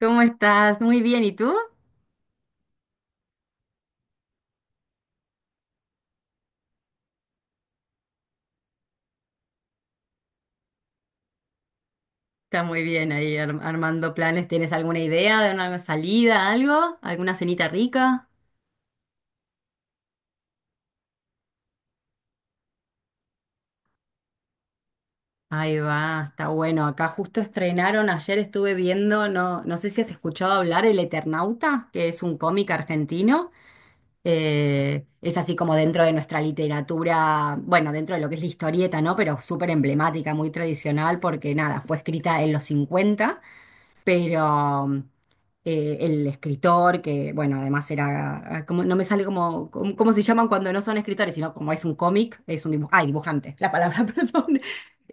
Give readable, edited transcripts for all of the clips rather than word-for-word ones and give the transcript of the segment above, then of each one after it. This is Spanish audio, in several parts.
¿Cómo estás? Muy bien, ¿y tú? Está muy bien ahí armando planes. ¿Tienes alguna idea de una salida, algo? ¿Alguna cenita rica? Ahí va, está bueno. Acá justo estrenaron, ayer estuve viendo, no, no sé si has escuchado hablar, El Eternauta, que es un cómic argentino. Es así como dentro de nuestra literatura, bueno, dentro de lo que es la historieta, ¿no? Pero súper emblemática, muy tradicional, porque nada, fue escrita en los 50, pero el escritor, que bueno, además era, ah, como, no me sale como, cómo se llaman cuando no son escritores, sino como es un cómic, es un dibujante, ay, dibujante, la palabra, perdón.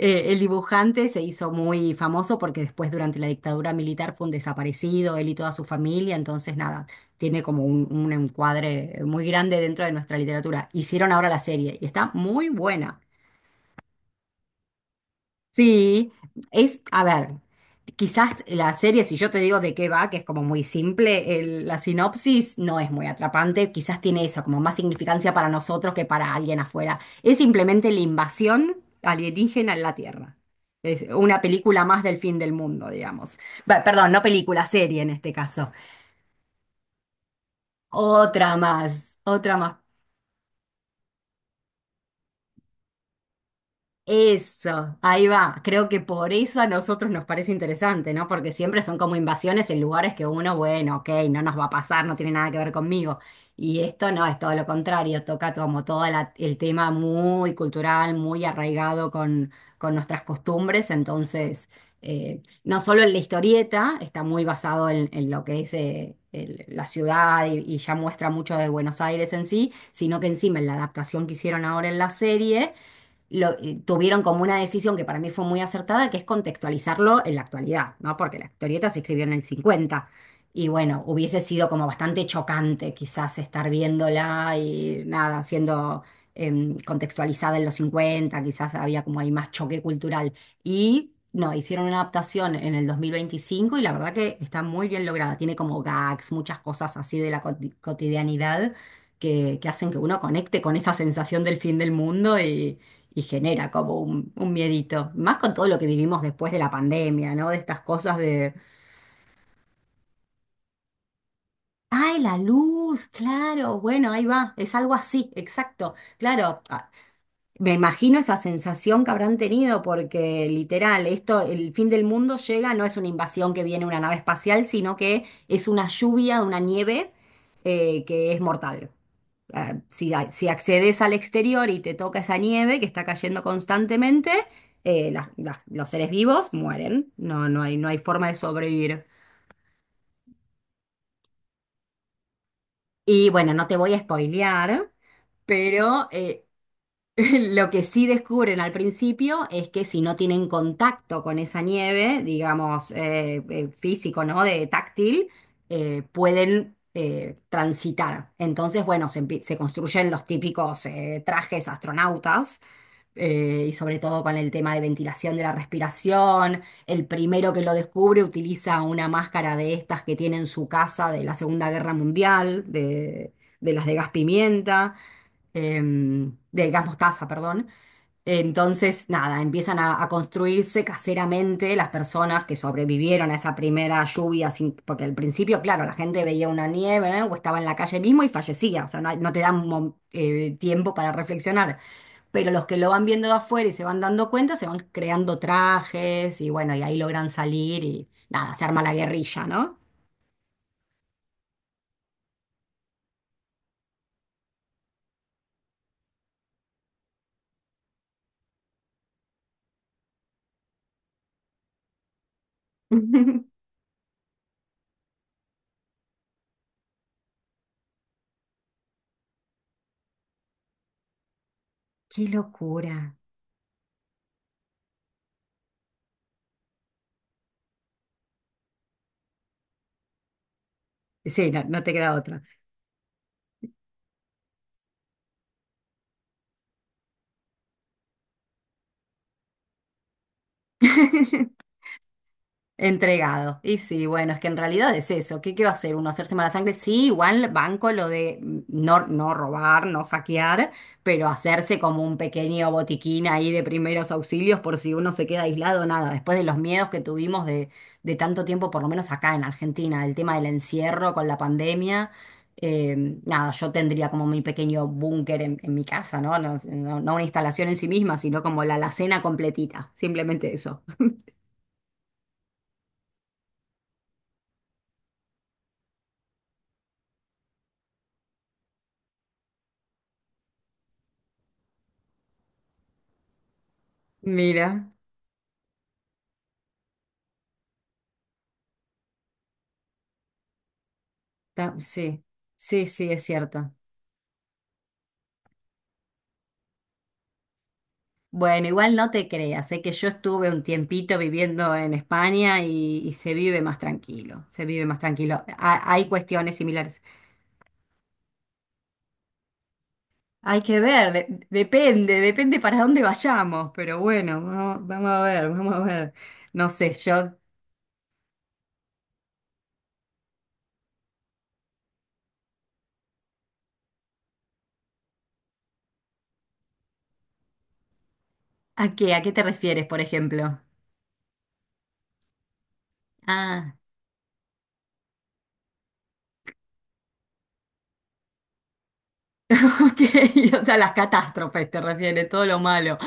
El dibujante se hizo muy famoso porque después durante la dictadura militar fue un desaparecido, él y toda su familia, entonces nada, tiene como un encuadre muy grande dentro de nuestra literatura. Hicieron ahora la serie y está muy buena. Sí, es, a ver, quizás la serie, si yo te digo de qué va, que es como muy simple, la sinopsis no es muy atrapante, quizás tiene eso, como más significancia para nosotros que para alguien afuera. Es simplemente la invasión alienígena en la Tierra. Es una película más del fin del mundo, digamos. Va, perdón, no película, serie en este caso. Otra más, otra más. Eso, ahí va. Creo que por eso a nosotros nos parece interesante, ¿no? Porque siempre son como invasiones en lugares que uno, bueno, ok, no nos va a pasar, no tiene nada que ver conmigo. Y esto no, es todo lo contrario, toca como todo el tema muy cultural, muy arraigado con nuestras costumbres. Entonces, no solo en la historieta, está muy basado en lo que es la ciudad y ya muestra mucho de Buenos Aires en sí, sino que encima en la adaptación que hicieron ahora en la serie tuvieron como una decisión que para mí fue muy acertada, que es contextualizarlo en la actualidad, ¿no? Porque la historieta se escribió en el 50 y bueno, hubiese sido como bastante chocante quizás estar viéndola y nada, siendo contextualizada en los 50, quizás había como ahí más choque cultural. Y no, hicieron una adaptación en el 2025 y la verdad que está muy bien lograda, tiene como gags, muchas cosas así de la cotidianidad. Que hacen que uno conecte con esa sensación del fin del mundo y genera como un miedito. Más con todo lo que vivimos después de la pandemia, ¿no? De estas cosas de, ay, la luz, claro, bueno, ahí va, es algo así, exacto, claro. Me imagino esa sensación que habrán tenido porque literal, esto, el fin del mundo llega, no es una invasión que viene una nave espacial, sino que es una lluvia, una nieve que es mortal. Ah, si, si accedes al exterior y te toca esa nieve que está cayendo constantemente, los seres vivos mueren. No, no hay, no hay forma de sobrevivir. Y bueno, no te voy a spoilear, pero lo que sí descubren al principio es que si no tienen contacto con esa nieve, digamos, físico, ¿no? De táctil, pueden transitar. Entonces, bueno, se construyen los típicos trajes astronautas, y sobre todo con el tema de ventilación de la respiración. El primero que lo descubre utiliza una máscara de estas que tiene en su casa de la Segunda Guerra Mundial, de las de gas pimienta de gas mostaza, perdón. Entonces, nada, empiezan a construirse caseramente las personas que sobrevivieron a esa primera lluvia, sin- porque al principio, claro, la gente veía una nieve, ¿no? O estaba en la calle mismo y fallecía, o sea, no, hay- no te dan tiempo para reflexionar. Pero los que lo van viendo de afuera y se van dando cuenta, se van creando trajes y bueno, y ahí logran salir y nada, se arma la guerrilla, ¿no? Qué locura. Sí, no, no te queda otra. Entregado. Y sí, bueno, es que en realidad es eso. ¿Qué, qué va a hacer uno? ¿Hacerse mala sangre? Sí, igual banco lo de no, no robar, no saquear, pero hacerse como un pequeño botiquín ahí de primeros auxilios por si uno se queda aislado, nada. Después de los miedos que tuvimos de tanto tiempo, por lo menos acá en Argentina, el tema del encierro con la pandemia, eh, nada, yo tendría como mi pequeño búnker en mi casa, ¿no? No, no una instalación en sí misma, sino como la alacena completita. Simplemente eso. Mira. Sí, sí, sí, es cierto. Bueno, igual no te creas, sé que yo estuve un tiempito viviendo en España y se vive más tranquilo, se vive más tranquilo. Hay cuestiones similares. Hay que ver, depende, depende para dónde vayamos, pero bueno, vamos, vamos a ver, vamos a ver. No sé, ¿a qué? ¿A qué te refieres, por ejemplo? Ah, ok, o sea, las catástrofes te refieres, todo lo malo.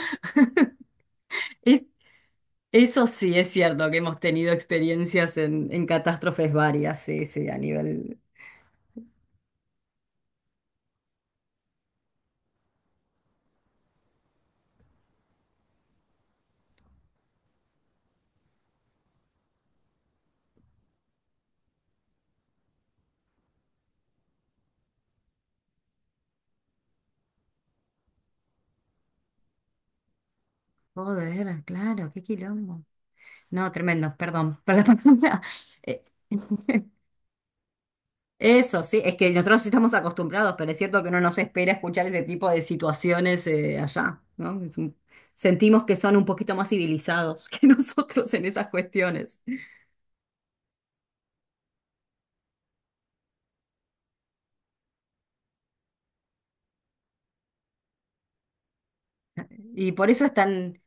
Eso sí es cierto, que hemos tenido experiencias en catástrofes varias, sí, sí, a nivel... Joder, claro, qué quilombo. No, tremendo, perdón, para la palabra. Eh, eso sí, es que nosotros sí estamos acostumbrados, pero es cierto que no nos espera escuchar ese tipo de situaciones allá, ¿no? Es un- sentimos que son un poquito más civilizados que nosotros en esas cuestiones. Y por eso están...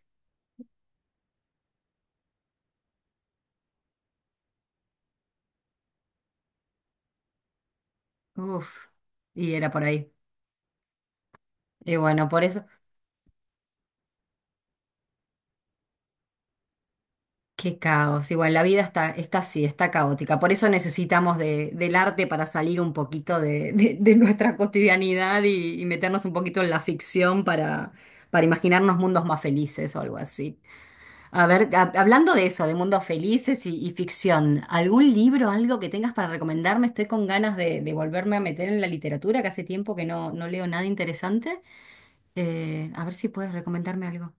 Uf, y era por ahí. Y bueno, por eso... Qué caos. Igual la vida está, está así, está caótica. Por eso necesitamos del arte para salir un poquito de, de nuestra cotidianidad y meternos un poquito en la ficción para imaginarnos mundos más felices o algo así. A ver, hablando de eso, de mundos felices y ficción, ¿algún libro, algo que tengas para recomendarme? Estoy con ganas de volverme a meter en la literatura, que hace tiempo que no, no leo nada interesante. A ver si puedes recomendarme algo.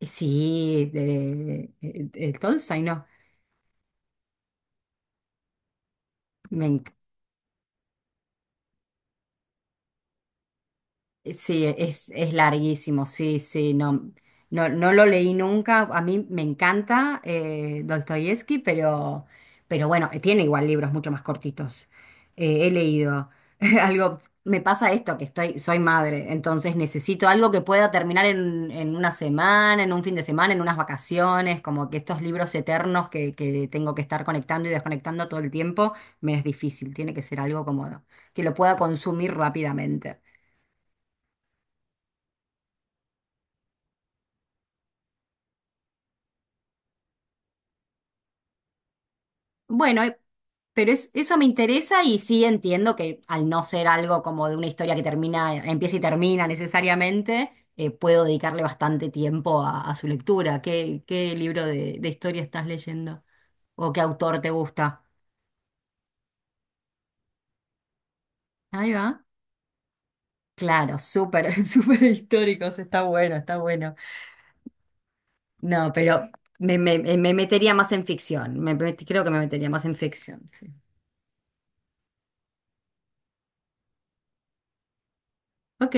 Sí, de, Tolstoy, ¿no? Sí, es larguísimo, sí, sí, no, no, no lo leí nunca. A mí me encanta Dostoyevsky, pero bueno, tiene igual libros mucho más cortitos. He leído algo, me pasa esto, que estoy, soy madre, entonces necesito algo que pueda terminar en una semana, en un fin de semana, en unas vacaciones, como que estos libros eternos que tengo que estar conectando y desconectando todo el tiempo, me es difícil, tiene que ser algo como que lo pueda consumir rápidamente. Bueno, pero eso me interesa y sí entiendo que al no ser algo como de una historia que termina, empieza y termina necesariamente, puedo dedicarle bastante tiempo a su lectura. ¿Qué, qué libro de historia estás leyendo? ¿O qué autor te gusta? Ahí va. Claro, súper, súper históricos, está bueno, está bueno. No, pero me, me metería más en ficción. Creo que me metería más en ficción, sí. Ok,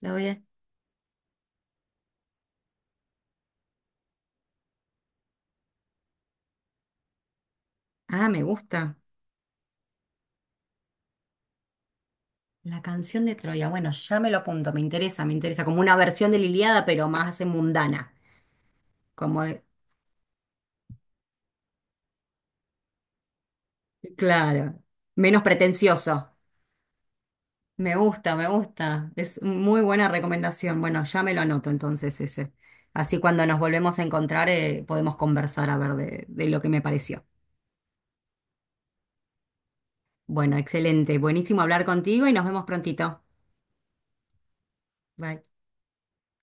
la voy a... Ah, me gusta. La canción de Troya. Bueno, ya me lo apunto, me interesa, me interesa. Como una versión de la Ilíada, pero más mundana. Como claro, menos pretencioso. Me gusta, me gusta. Es muy buena recomendación. Bueno, ya me lo anoto entonces ese. Así cuando nos volvemos a encontrar podemos conversar a ver de lo que me pareció. Bueno, excelente. Buenísimo hablar contigo y nos vemos prontito. Bye.